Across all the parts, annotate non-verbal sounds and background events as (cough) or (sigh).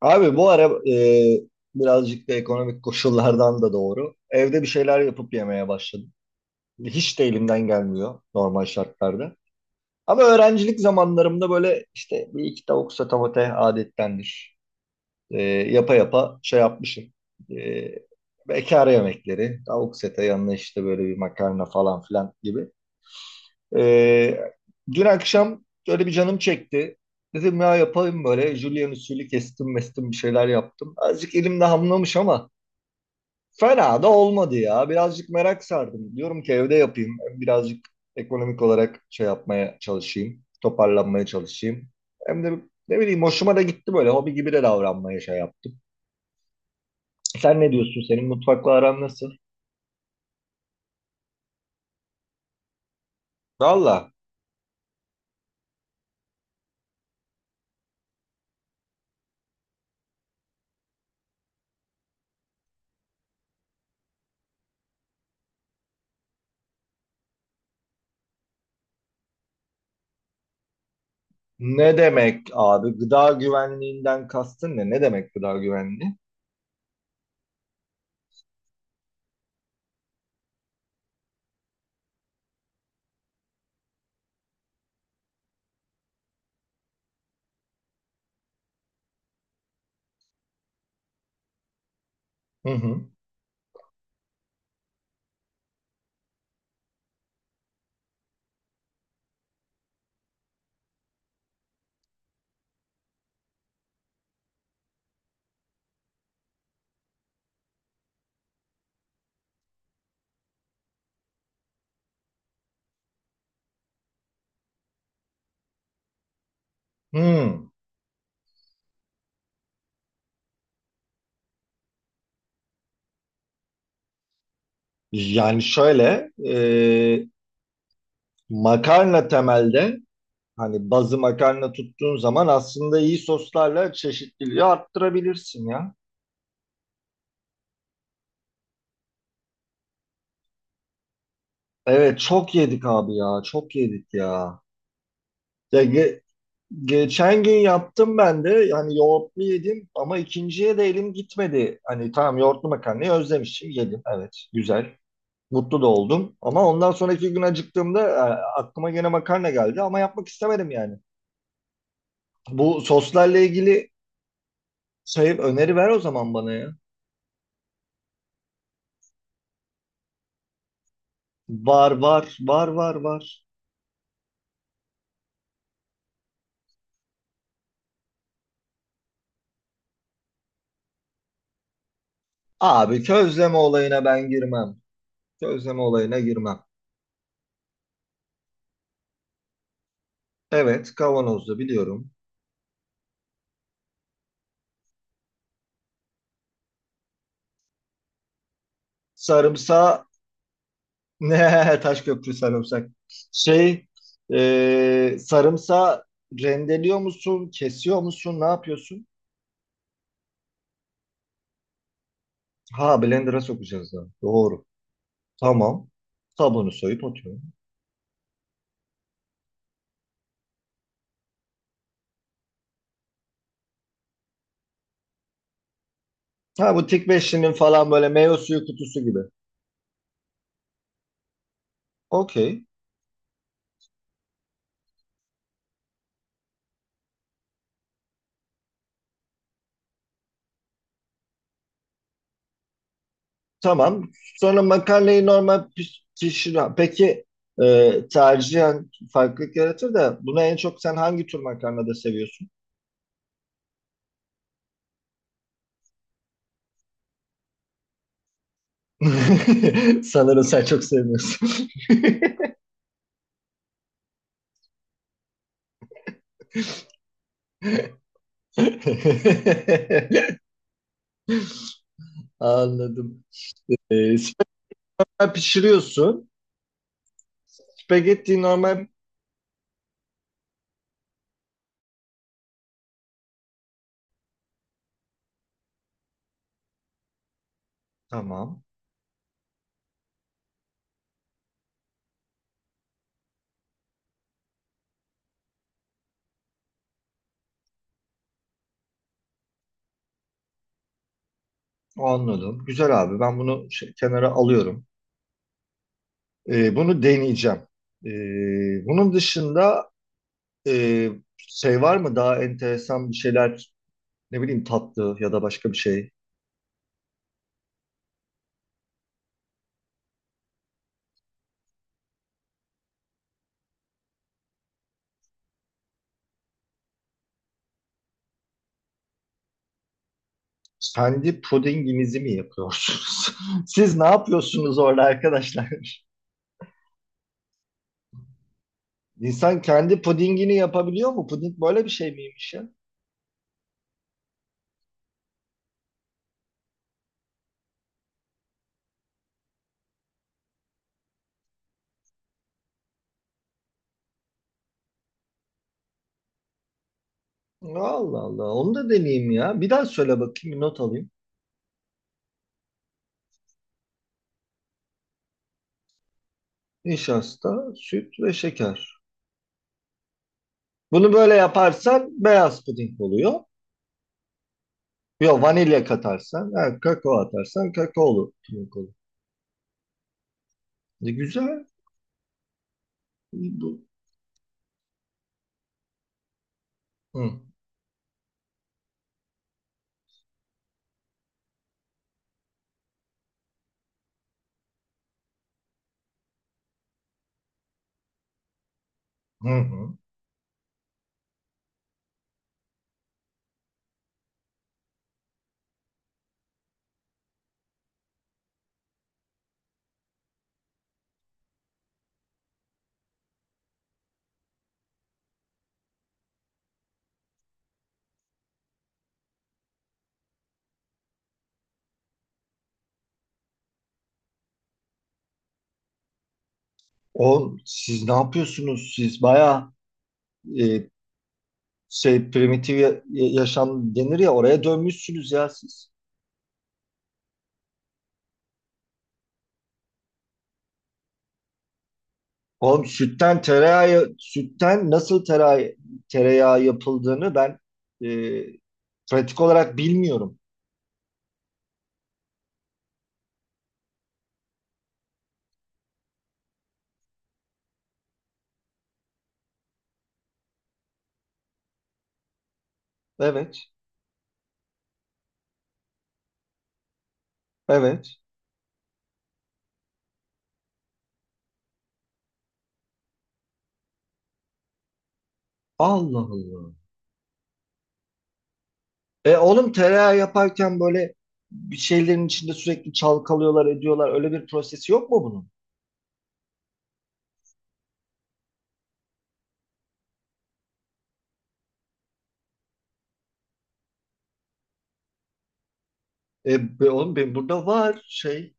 Abi bu ara birazcık da ekonomik koşullardan da doğru. Evde bir şeyler yapıp yemeye başladım. Hiç de elimden gelmiyor normal şartlarda. Ama öğrencilik zamanlarımda böyle işte bir iki tavuk sotomate adettendir. Yapa yapa şey yapmışım. E, Bekar yemekleri, tavuk sete yanına işte böyle bir makarna falan filan gibi. Ee, Dün akşam şöyle bir canım çekti. Dedim ya yapayım böyle. Julian usulü kestim mestim bir şeyler yaptım. Azıcık elimde hamlamış ama fena da olmadı ya. Birazcık merak sardım. Diyorum ki evde yapayım. Hem birazcık ekonomik olarak şey yapmaya çalışayım. Toparlanmaya çalışayım. Hem de ne bileyim hoşuma da gitti böyle. Hobi gibi de davranmaya şey yaptım. Sen ne diyorsun? Senin mutfakla aran nasıl? Valla, ne demek abi? Gıda güvenliğinden kastın ne? Ne demek gıda güvenliği? Hı hı. Hmm. Yani şöyle makarna temelde hani bazı makarna tuttuğun zaman aslında iyi soslarla çeşitliliği arttırabilirsin ya. Evet çok yedik abi ya, çok yedik ya. Ya geçen gün yaptım ben de yani, yoğurtlu yedim ama ikinciye de elim gitmedi. Hani tamam, yoğurtlu makarnayı özlemişim, yedim, evet güzel, mutlu da oldum. Ama ondan sonraki gün acıktığımda aklıma gene makarna geldi ama yapmak istemedim yani. Bu soslarla ilgili şey, öneri ver o zaman bana ya. Var var var var var. Abi közleme olayına ben girmem. Közleme olayına girmem. Evet, kavanozda biliyorum. Sarımsa (laughs) ne Taşköprü sarımsak. Şey sarımsağı rendeliyor musun? Kesiyor musun? Ne yapıyorsun? Ha, blender'a sokacağız da. Doğru. Tamam. Kabuğunu soyup atıyorum. Ha, bu tik beşlinin falan böyle meyve suyu kutusu gibi. Okey. Tamam. Sonra makarnayı normal pişir. Peki tercihen farklılık yaratır da buna en çok sen hangi tür makarnada seviyorsun? (laughs) Sanırım sen çok sevmiyorsun. (laughs) Anladım. E, spagetti pişiriyorsun. Spagetti normal. Tamam. Anladım. Güzel abi. Ben bunu kenara alıyorum. Bunu deneyeceğim. E, bunun dışında e, şey var mı, daha enteresan bir şeyler, ne bileyim tatlı ya da başka bir şey. Kendi pudinginizi mi yapıyorsunuz? (laughs) Siz ne yapıyorsunuz orada arkadaşlar? (laughs) İnsan kendi pudingini yapabiliyor mu? Puding böyle bir şey miymiş ya? Allah Allah. Onu da deneyeyim ya. Bir daha söyle bakayım. Bir not alayım. Nişasta, süt ve şeker. Bunu böyle yaparsan beyaz puding oluyor. Yok, vanilya katarsan, ha, kakao atarsan kakaolu puding olur. Ne güzel. Bu. Hı. Hı hı. Oğlum siz ne yapıyorsunuz siz? Bayağı e, primitif yaşam denir ya, oraya dönmüşsünüz ya siz. Oğlum sütten tereyağı, sütten nasıl tereyağı, tereyağı yapıldığını ben e, pratik olarak bilmiyorum. Evet. Evet. Allah Allah. Oğlum tereyağı yaparken böyle bir şeylerin içinde sürekli çalkalıyorlar, ediyorlar. Öyle bir prosesi yok mu bunun? E be, oğlum benim burada var şey.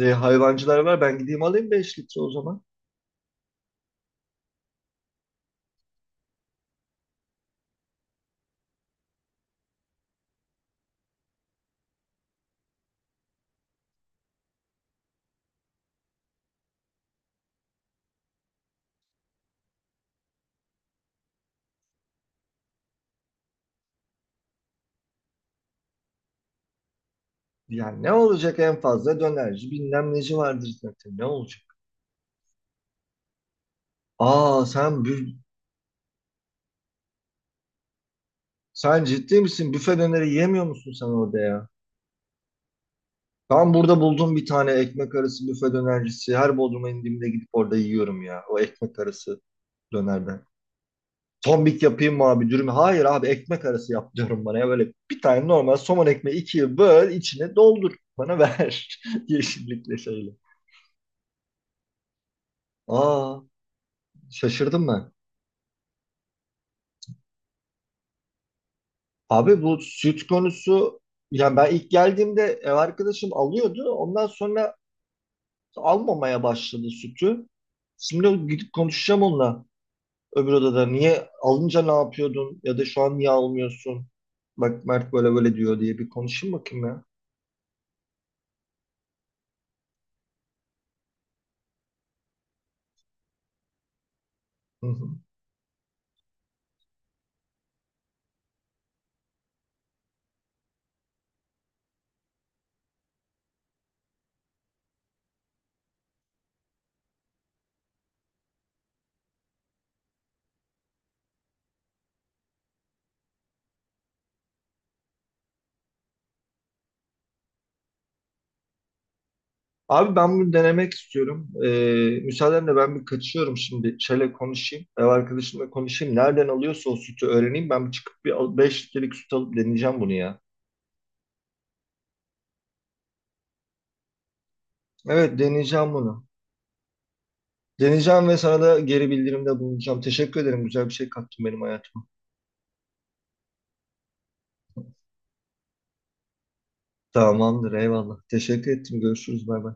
Hayvancılar var. Ben gideyim alayım 5 litre o zaman. Yani ne olacak, en fazla dönerci bilmem neci vardır zaten, ne olacak? Aa sen sen ciddi misin? Büfe döneri yemiyor musun sen orada ya? Ben burada buldum bir tane ekmek arası büfe dönercisi. Her Bodrum'a indiğimde gidip orada yiyorum ya. O ekmek arası dönerden. Tombik yapayım mı abi, dürüm? Hayır abi, ekmek arası yap diyorum bana ya. Böyle bir tane normal somon ekmeği ikiye böl, içine doldur. Bana ver. (laughs) Yeşillikle şeyle. Aa, şaşırdım ben. Abi bu süt konusu, yani ben ilk geldiğimde ev arkadaşım alıyordu. Ondan sonra almamaya başladı sütü. Şimdi gidip konuşacağım onunla, öbür odada. Niye alınca ne yapıyordun ya da şu an niye almıyorsun? Bak Mert böyle böyle diyor diye bir konuşayım bakayım ya. Hı hı. Abi ben bunu denemek istiyorum. Müsaadenle ben bir kaçıyorum şimdi. Çele konuşayım. Ev arkadaşımla konuşayım. Nereden alıyorsa o sütü öğreneyim. Ben bir çıkıp bir 5 litrelik süt alıp deneyeceğim bunu ya. Evet, deneyeceğim bunu. Deneyeceğim ve sana da geri bildirimde bulunacağım. Teşekkür ederim. Güzel bir şey kattın benim hayatıma. Tamamdır. Eyvallah. Teşekkür ettim. Görüşürüz. Bay bay.